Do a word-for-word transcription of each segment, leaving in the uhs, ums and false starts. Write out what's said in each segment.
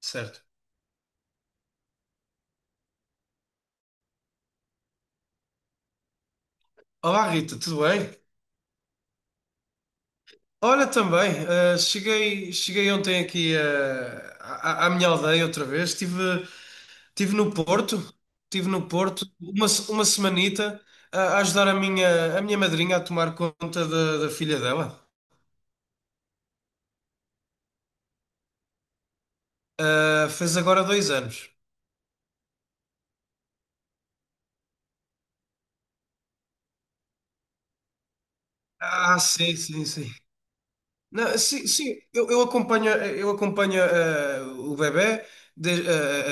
Certo. Olá, Rita, tudo bem? Olha, também, eh, cheguei, cheguei ontem aqui eh, à, à minha aldeia outra vez. Estive, estive no Porto, estive no Porto uma, se- uma semanita a, a ajudar a minha, a minha madrinha a tomar conta da, da filha dela. Eh, fez agora dois anos. Ah, sim, sim, sim. Não, sim, sim, eu, eu acompanho, eu acompanho eh, o bebé de- eh,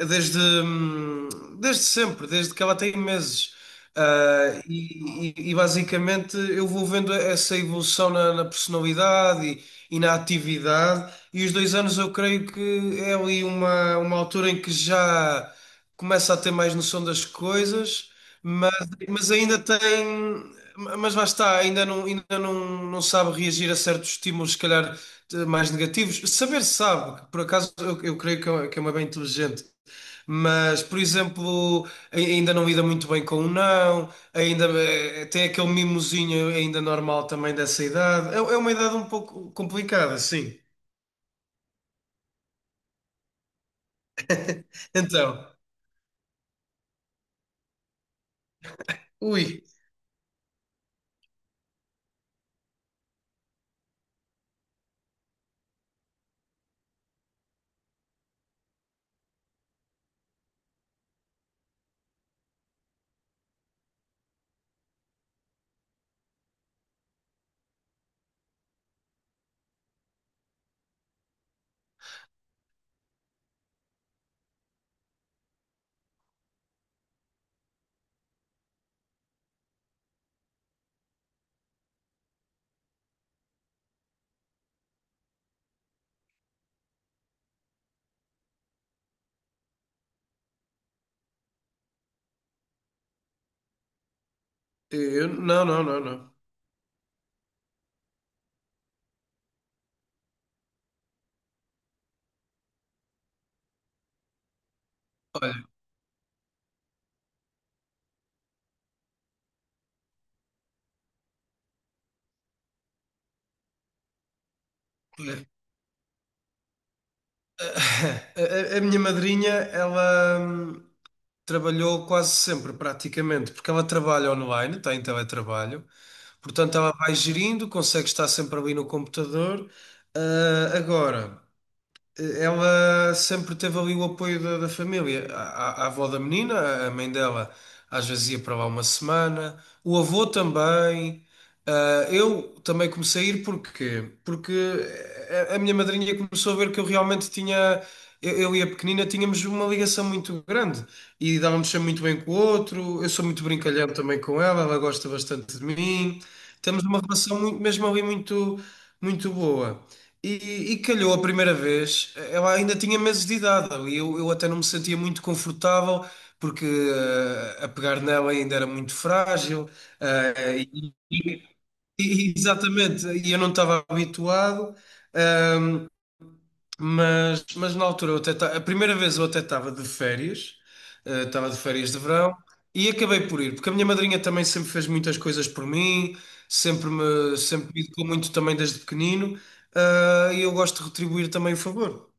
eh, eh, desde, hum, desde sempre, desde que ela tem meses. Ah, e, e- e basicamente eu vou vendo essa evolução na, na personalidade e, e na atividade, e os dois anos eu creio que é ali uma, uma altura em que já começa a ter mais noção das coisas, mas, mas ainda tem. Mas lá está, ainda não, ainda não, não sabe reagir a certos estímulos, se calhar eh, mais negativos. Saber sabe, que por acaso eu, eu creio que é, que é uma bem inteligente. Mas, por exemplo, ai- ainda não lida muito bem com o não, ainda eh, eh, tem aquele mimosinho ainda normal também dessa idade. É, é uma idade um pouco complicada, sim. Então, ui, eu, não, não, não, não. Olha, olha, a, a- a minha madrinha, ela hum, trabalhou quase sempre, praticamente, porque ela trabalha online, está em teletrabalho, portanto ela vai gerindo, consegue estar sempre ali no computador. Ah, agora. Ela sempre teve ali o apoio da, da família. A, a- a avó da menina, a mãe dela, às vezes ia para lá uma semana. O avô também. Ah, eu também comecei a ir porquê? Porque a, a minha madrinha começou a ver que eu realmente tinha. Eu, eu e a pequenina tínhamos uma ligação muito grande e dávamos sempre muito bem com o outro. Eu sou muito brincalhão também com ela, ela gosta bastante de mim. Temos uma relação muito, mesmo ali muito, muito boa. E, e calhou a primeira vez, ela ainda tinha meses de idade e eu, eu até não me sentia muito confortável porque eh, a pegar nela ainda era muito frágil, eh, e- e- e- exatamente, e eu não estava habituado. ehm, mas, mas na altura eu até ta- a primeira vez eu até estava de férias, eh, estava de férias de verão e acabei por ir, porque a minha madrinha também sempre fez muitas coisas por mim, sempre me, sempre me educou muito também desde pequenino, ah, e eu gosto de retribuir também o favor.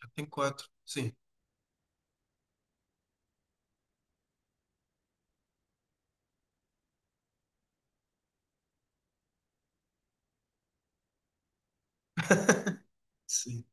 Já tenho quatro, sim. Sim,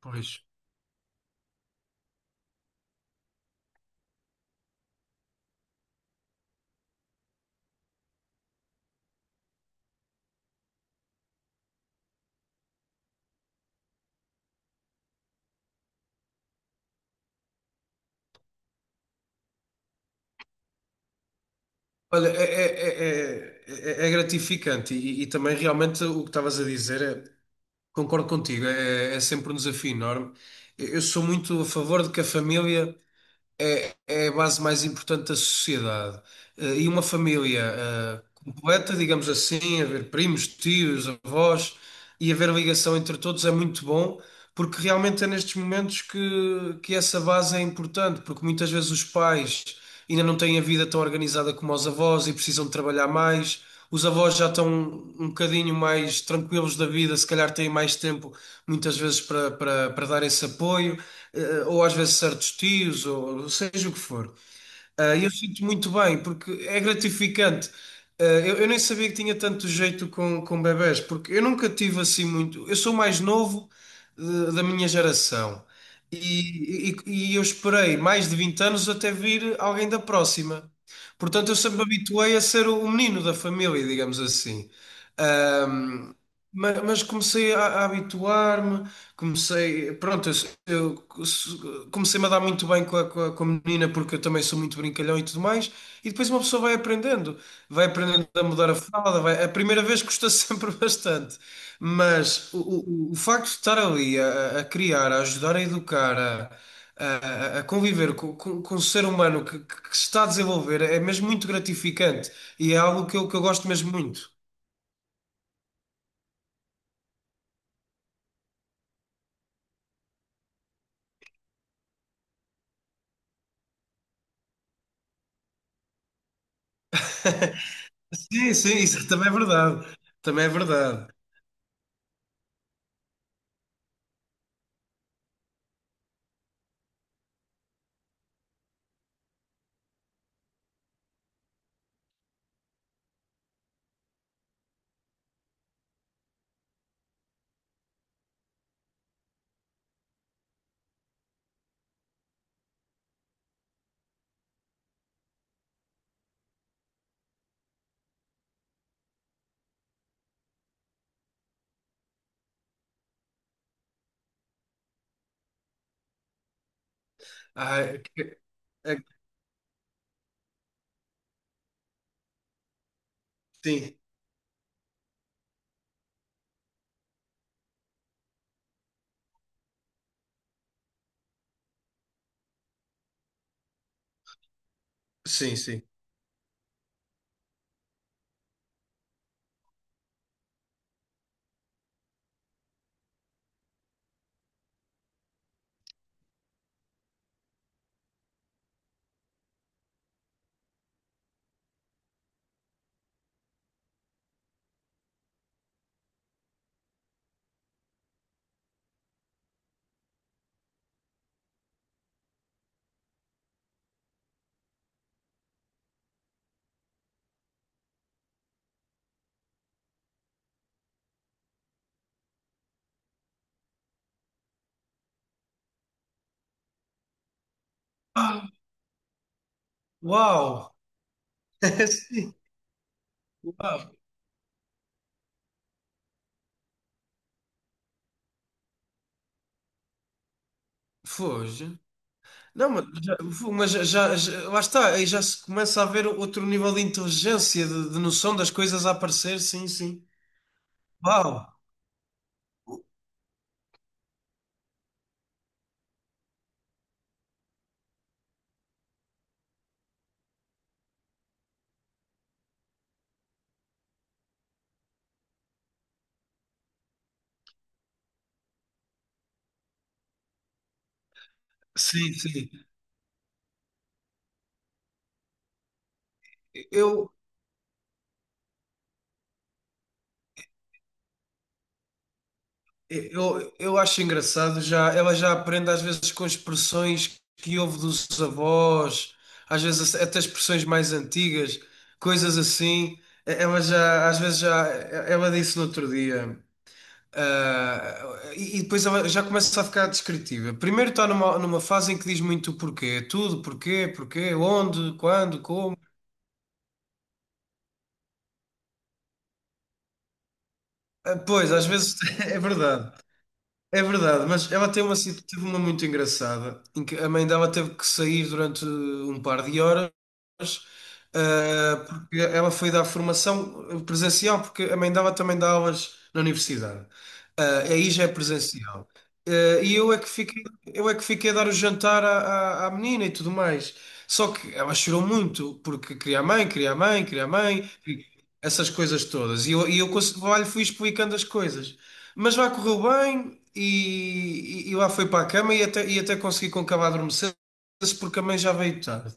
pois. Olha, é, é, é, é, é é gratificante e, e também realmente o que estavas a dizer, é, concordo contigo, é, é sempre um desafio enorme. Eu sou muito a favor de que a família é, é a base mais importante da sociedade. Eh, E uma família eh, completa, digamos assim, haver primos, tios, avós e haver ligação entre todos é muito bom, porque realmente é nestes momentos que, que essa base é importante, porque muitas vezes os pais ainda não têm a vida tão organizada como os avós e precisam de trabalhar mais. Os avós já estão um bocadinho mais tranquilos da vida, se calhar têm mais tempo muitas vezes para, para, para dar esse apoio, eh, ou às vezes certos tios, ou seja o que for. Ah, e eu sinto muito bem, porque é gratificante. Ah, eu, eu nem sabia que tinha tanto jeito com, com bebés, porque eu nunca tive assim muito. Eu sou o mais novo, eh, da minha geração e, e- e eu esperei mais de vinte anos até vir alguém da próxima. Portanto, eu sempre me habituei a ser o menino da família, digamos assim. Ma- Mas comecei a, a habituar-me, comecei, pronto, eu, eu se- comecei-me a dar muito bem com a, com a- com a menina porque eu também sou muito brincalhão e tudo mais, e depois uma pessoa vai aprendendo, vai aprendendo a mudar a fralda, vai- a primeira vez custa sempre bastante, mas o, o- o facto de estar ali a, a- criar, a ajudar a educar, a, a- a- a conviver com, com- com um ser humano que, que- que se está a desenvolver é mesmo muito gratificante e é algo que eu, que eu gosto mesmo muito. Sim, sim, isso também é verdade. Também é verdade. Ai, que- é que- sim, sim, sim. Ah, uau! Sim, uau! Foge. Não, mas, já, fu- mas já, já- já- lá está, aí já se começa a ver outro nível de inteligência, de, de noção das coisas a aparecer, sim, sim. Uau! Sim, sim. Eu, Eu, eu acho engraçado, já, ela já aprende às vezes com expressões que houve dos avós, às vezes até expressões mais antigas, coisas assim. Ela já, às vezes já, ela disse no outro dia, ah, e, e depois ela já começa a ficar descritiva. Primeiro está numa, numa fase em que diz muito o porquê, tudo, porquê, porquê, onde, quando, como. Ah, pois, às vezes é verdade. É verdade, mas ela tem uma, situ- teve uma muito engraçada, em que a mãe dela teve que sair durante um par de horas. Uh, porque ela foi dar formação presencial, porque a mãe dela também dá aulas na universidade. Uh, aí já é presencial. Uh, e eu é que fiquei, eu é que fiquei a dar o jantar à, à, à menina e tudo mais. Só que ela chorou muito, porque queria a mãe, queria a mãe, queria a mãe, essas coisas todas. E eu, e eu cons- lá lhe fui explicando as coisas. Mas lá correu bem e, e, e lá foi para a cama e até, e até consegui com que ela adormecesse, porque a mãe já veio tarde.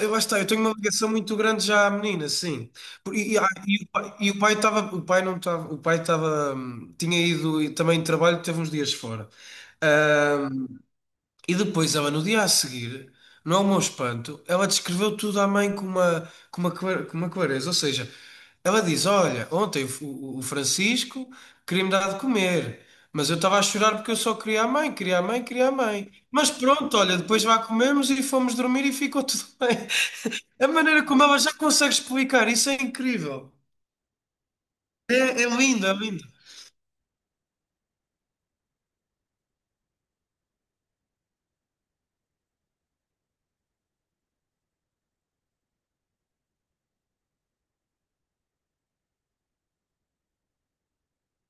Eu, lá está, eu tenho uma ligação muito grande já à menina, sim. Por- E, e- ah, e o pai e o pai estava, o pai não estava, o pai estava, hum, tinha ido e também de trabalho, teve uns dias fora. Ahm, e depois ela, no dia a seguir, no meu espanto, ela descreveu tudo à mãe com uma, com uma, clar- com uma clareza. Ou seja, ela diz: Olha, ontem o, o- o Francisco queria-me dar de comer, mas eu estava a chorar porque eu só queria a mãe, queria a mãe, queria a mãe. Mas pronto, olha, depois vá comemos e fomos dormir e ficou tudo bem. A maneira como ela já consegue explicar, isso é incrível. É, É lindo, é lindo.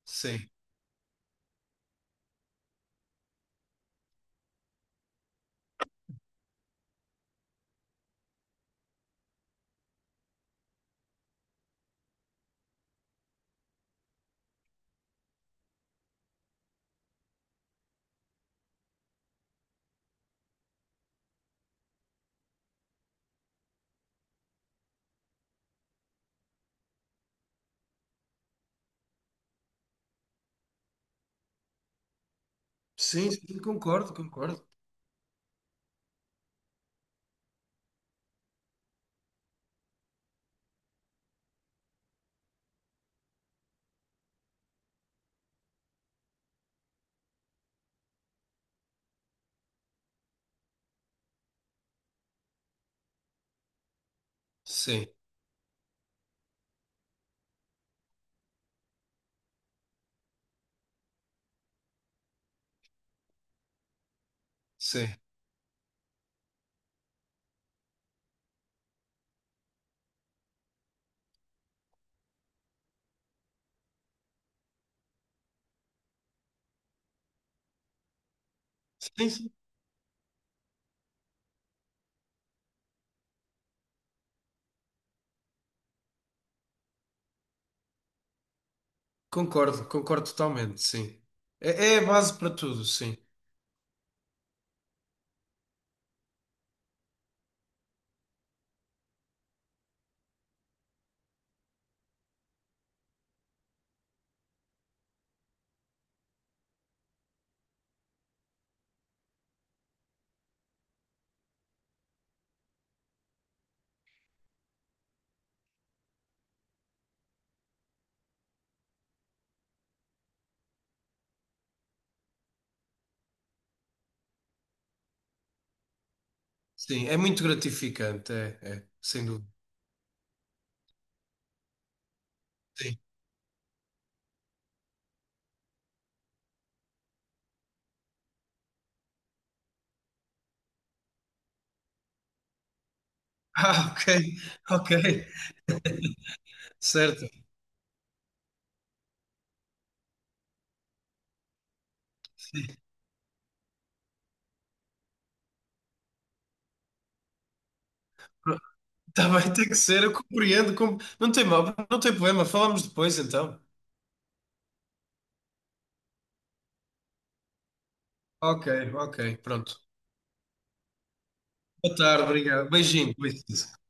Sim, sim, sim, concordo, concordo. Sim, sim, sim, sim. Concordo, concordo totalmente, sim. É, é a base para tudo, sim. Sim, é muito gratificante, é, é, sem dúvida. Sim. Ah, ok, ok, certo. Tá bem, tem que ser, eu compreendo. com- Não tem mal, não tem problema, falamos depois então. Ok, ok, pronto. Boa tarde, obrigado. Beijinho, beijinho.